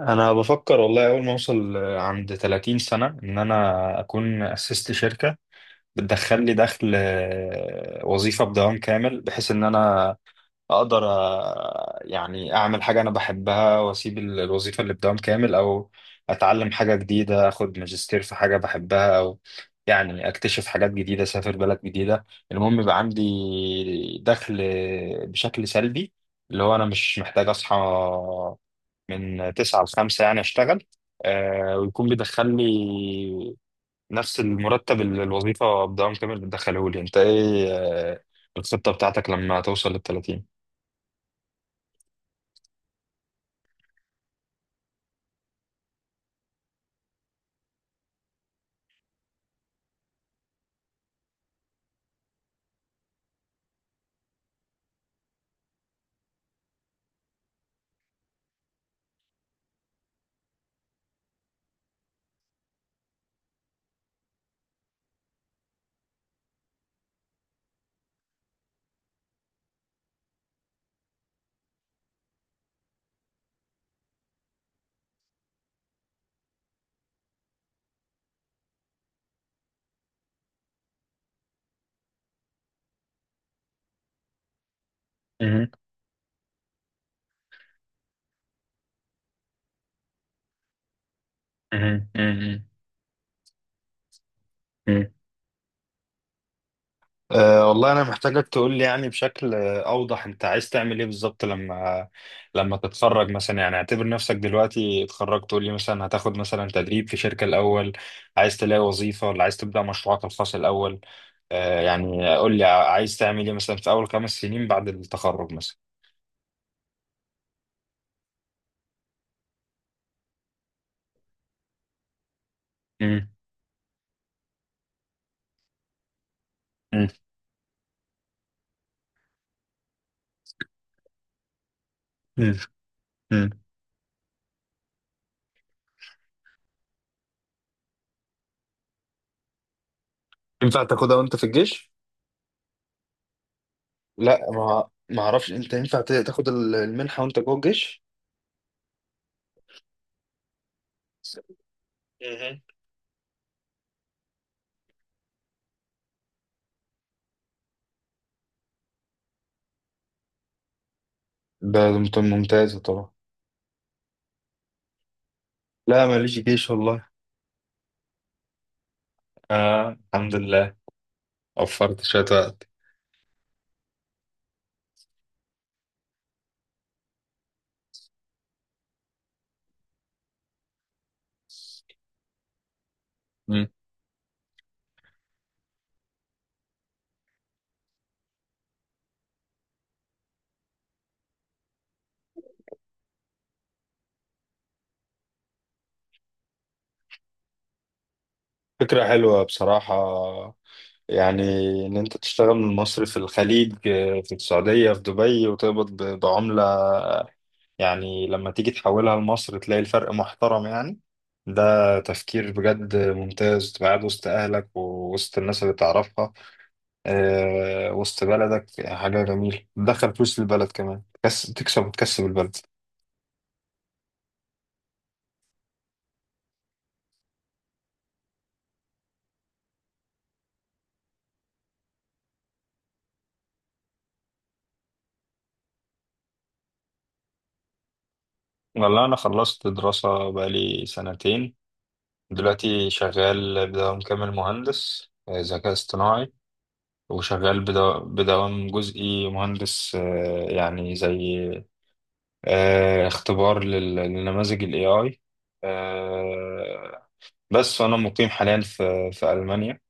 انا بفكر والله، اول ما اوصل عند 30 سنة ان انا اكون اسست شركة بتدخل لي دخل، وظيفة بدوام كامل بحيث ان انا اقدر، يعني اعمل حاجة انا بحبها واسيب الوظيفة اللي بدوام كامل، او اتعلم حاجة جديدة، اخد ماجستير في حاجة بحبها، او يعني اكتشف حاجات جديدة، اسافر بلد جديدة. المهم يبقى عندي دخل بشكل سلبي، اللي هو انا مش محتاج اصحى من 9 ل 5 يعني اشتغل، ويكون بيدخل لي نفس المرتب اللي الوظيفة بدوام كامل بتدخله لي. انت ايه، الخطة بتاعتك لما توصل لل 30؟ مهم. مهم. مهم. والله أنا محتاجك تقول لي يعني بشكل أوضح، أنت عايز تعمل إيه بالظبط لما تتخرج مثلا. يعني اعتبر نفسك دلوقتي اتخرجت، تقول لي مثلا هتاخد مثلا تدريب في شركة الأول، عايز تلاقي وظيفة ولا عايز تبدأ مشروعك الخاص الأول؟ يعني قول لي عايز تعمل إيه مثلا في أول خمس سنين بعد التخرج مثلا؟ مم. مم. مم. مم. ينفع تاخدها وانت في الجيش؟ لا، ما أعرفش. أنت ينفع تاخد المنحة وأنت جوه الجيش؟ مهم. ده ممتازة طبعا. لا، ماليش جيش والله. آه، الحمد لله. وفرت شوية وقت. مم. فكرة حلوة بصراحة، يعني إن أنت تشتغل من مصر في الخليج، في السعودية، في دبي، وتقبض بعملة، يعني لما تيجي تحولها لمصر تلاقي الفرق محترم يعني. ده تفكير بجد ممتاز، تبقى قاعد وسط أهلك ووسط الناس اللي تعرفها، وسط بلدك. حاجة جميلة، تدخل فلوس للبلد كمان، بس تكسب وتكسب البلد. والله أنا خلصت دراسة بقالي سنتين. دلوقتي شغال بدوام كامل مهندس ذكاء اصطناعي، وشغال بدوام جزئي مهندس، يعني زي اختبار لنماذج ال AI، آه، بس. وأنا مقيم حاليا في ألمانيا،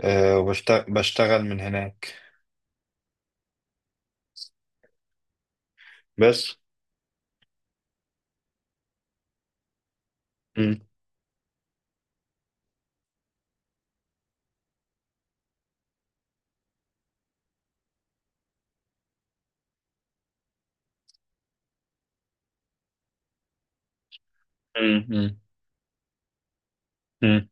بشتغل من هناك. بس. م- م- م- م.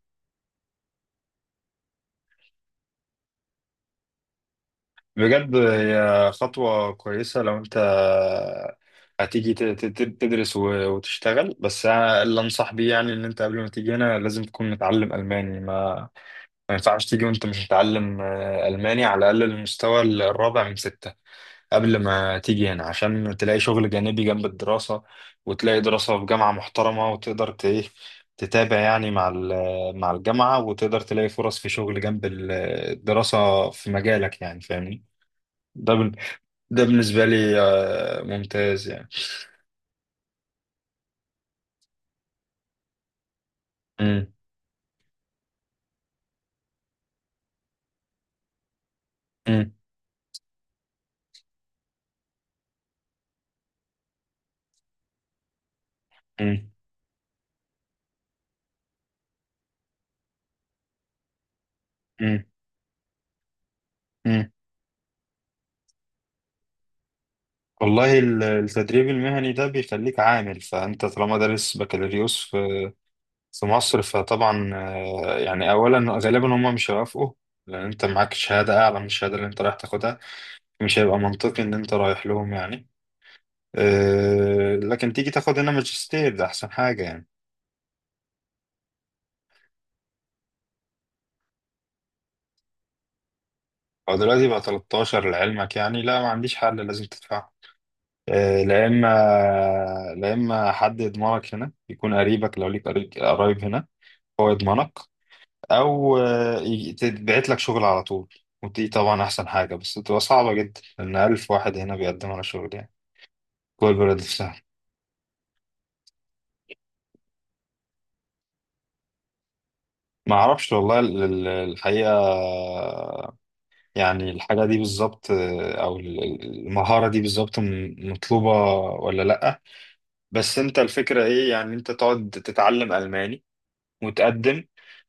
بجد هي خطوة كويسة لو أنت هتيجي تدرس وتشتغل. بس أنا اللي أنصح بيه يعني إن أنت قبل ما تيجي هنا لازم تكون متعلم ألماني. ما ينفعش تيجي وأنت مش متعلم، ألماني، على الأقل المستوى الرابع من ستة، قبل ما تيجي هنا، عشان تلاقي شغل جانبي جنب الدراسة، وتلاقي دراسة في جامعة محترمة، وتقدر إيه، تتابع يعني مع مع الجامعة، وتقدر تلاقي فرص في شغل جنب الدراسة في مجالك، يعني فاهمني؟ ده ده بالنسبة لي، ممتاز يعني. مم. مم. مم. مم. مم. والله، التدريب المهني ده بيخليك عامل، فأنت طالما دارس بكالوريوس في مصر، فطبعا، يعني أولا غالبا هم مش هيوافقوا، لأن أنت معاك شهادة أعلى من الشهادة اللي أنت رايح تاخدها. مش هيبقى منطقي إن أنت رايح لهم يعني. لكن تيجي تاخد هنا ماجستير، ده أحسن حاجة يعني. هو دلوقتي بقى 13 لعلمك يعني. لا، ما عنديش حل، لازم تدفع. آه، لا اما لا اما حد يضمنك هنا، يكون قريبك لو ليك قريب، قرايب هنا، هو يضمنك، او تتبعت لك شغل على طول. ودي طبعا احسن حاجه، بس بتبقى صعبه جدا لان الف واحد هنا بيقدم على شغل يعني، جوه البلد نفسها. ما اعرفش والله الحقيقه، يعني الحاجه دي بالظبط، او المهاره دي بالظبط مطلوبه ولا لا. بس انت الفكره ايه؟ يعني انت تقعد تتعلم الماني وتقدم،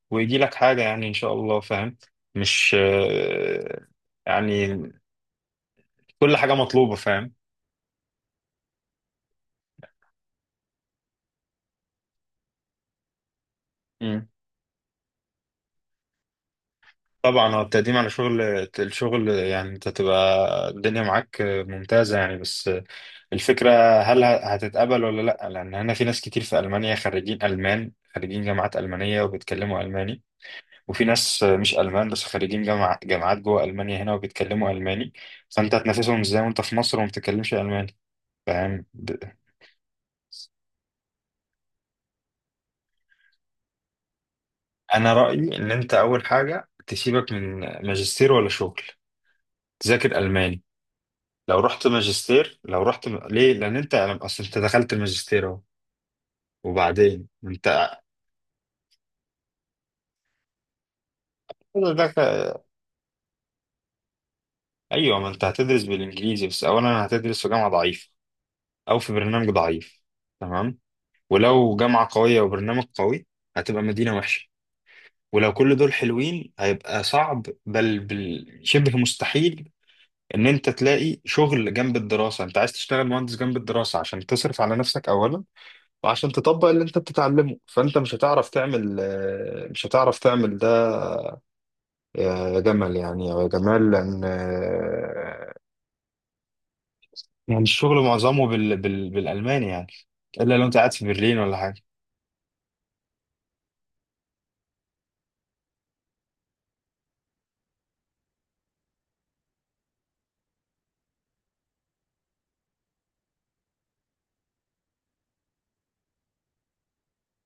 ويجي لك حاجة يعني إن شاء الله، فاهم؟ مش يعني كل حاجة مطلوبة، فاهم. مم. طبعا هو التقديم على شغل، الشغل يعني، انت تبقى الدنيا معاك ممتازة يعني. بس الفكرة، هل هتتقبل ولا لأ؟ لأن هنا في ناس كتير في ألمانيا خريجين ألمان، خريجين جامعات ألمانية وبيتكلموا ألماني، وفي ناس مش ألمان بس خريجين جامعات جوه ألمانيا هنا وبيتكلموا ألماني، فأنت هتنافسهم ازاي وأنت في مصر وما بتتكلمش ألماني؟ فاهم. انا رايي ان انت اول حاجه، تسيبك من ماجستير ولا شغل، تذاكر الماني. لو رحت ماجستير، لو رحت ليه؟ لان انت يعني، اصل انت دخلت الماجستير اهو. وبعدين انت دخل... ايوه، ما انت هتدرس بالانجليزي، بس اولا هتدرس في جامعه ضعيفه، او في برنامج ضعيف. تمام. ولو جامعه قويه وبرنامج قوي، هتبقى مدينه وحشه. ولو كل دول حلوين، هيبقى صعب، بل شبه مستحيل ان انت تلاقي شغل جنب الدراسه. انت عايز تشتغل مهندس جنب الدراسه عشان تصرف على نفسك اولا، وعشان تطبق اللي انت بتتعلمه، فانت مش هتعرف تعمل، مش هتعرف تعمل ده يا جمل يعني، او يا جمال، لان، يعني الشغل معظمه بالالماني يعني، الا لو انت قاعد في برلين ولا حاجه.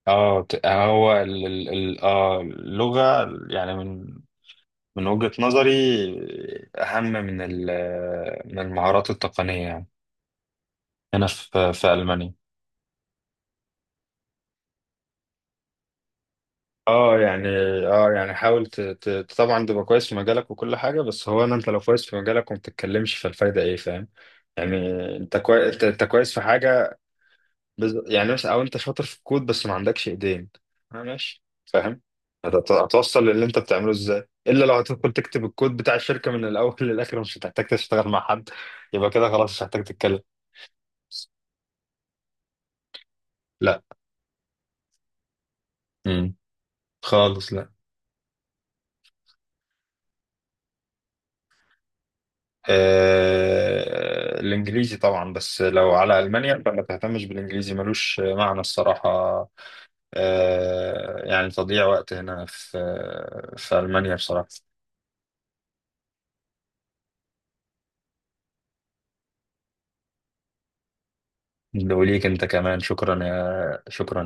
اه هو اللغه يعني، من وجهه نظري، اهم من من المهارات التقنيه يعني، هنا في المانيا. اه يعني، اه يعني حاول طبعا تبقى كويس في مجالك وكل حاجه، بس هو انت لو كويس في مجالك وما بتتكلمش، فالفايده ايه؟ فاهم يعني؟ انت كويس انت أنت كويس في حاجه، يعني مثلا، او انت شاطر في الكود بس ما عندكش ايدين. آه ماشي، فاهم. هتوصل للي انت بتعمله ازاي؟ الا لو هتدخل تكتب الكود بتاع الشركه من الاول للاخر، مش هتحتاج تشتغل مع حد. يبقى كده خلاص، مش هتحتاج تتكلم. لا. امم خالص، لا. الإنجليزي طبعا، بس لو على ألمانيا فما تهتمش بالإنجليزي، ملوش معنى الصراحة. يعني تضييع وقت هنا في ألمانيا بصراحة. وليك أنت كمان شكرا، يا شكرا.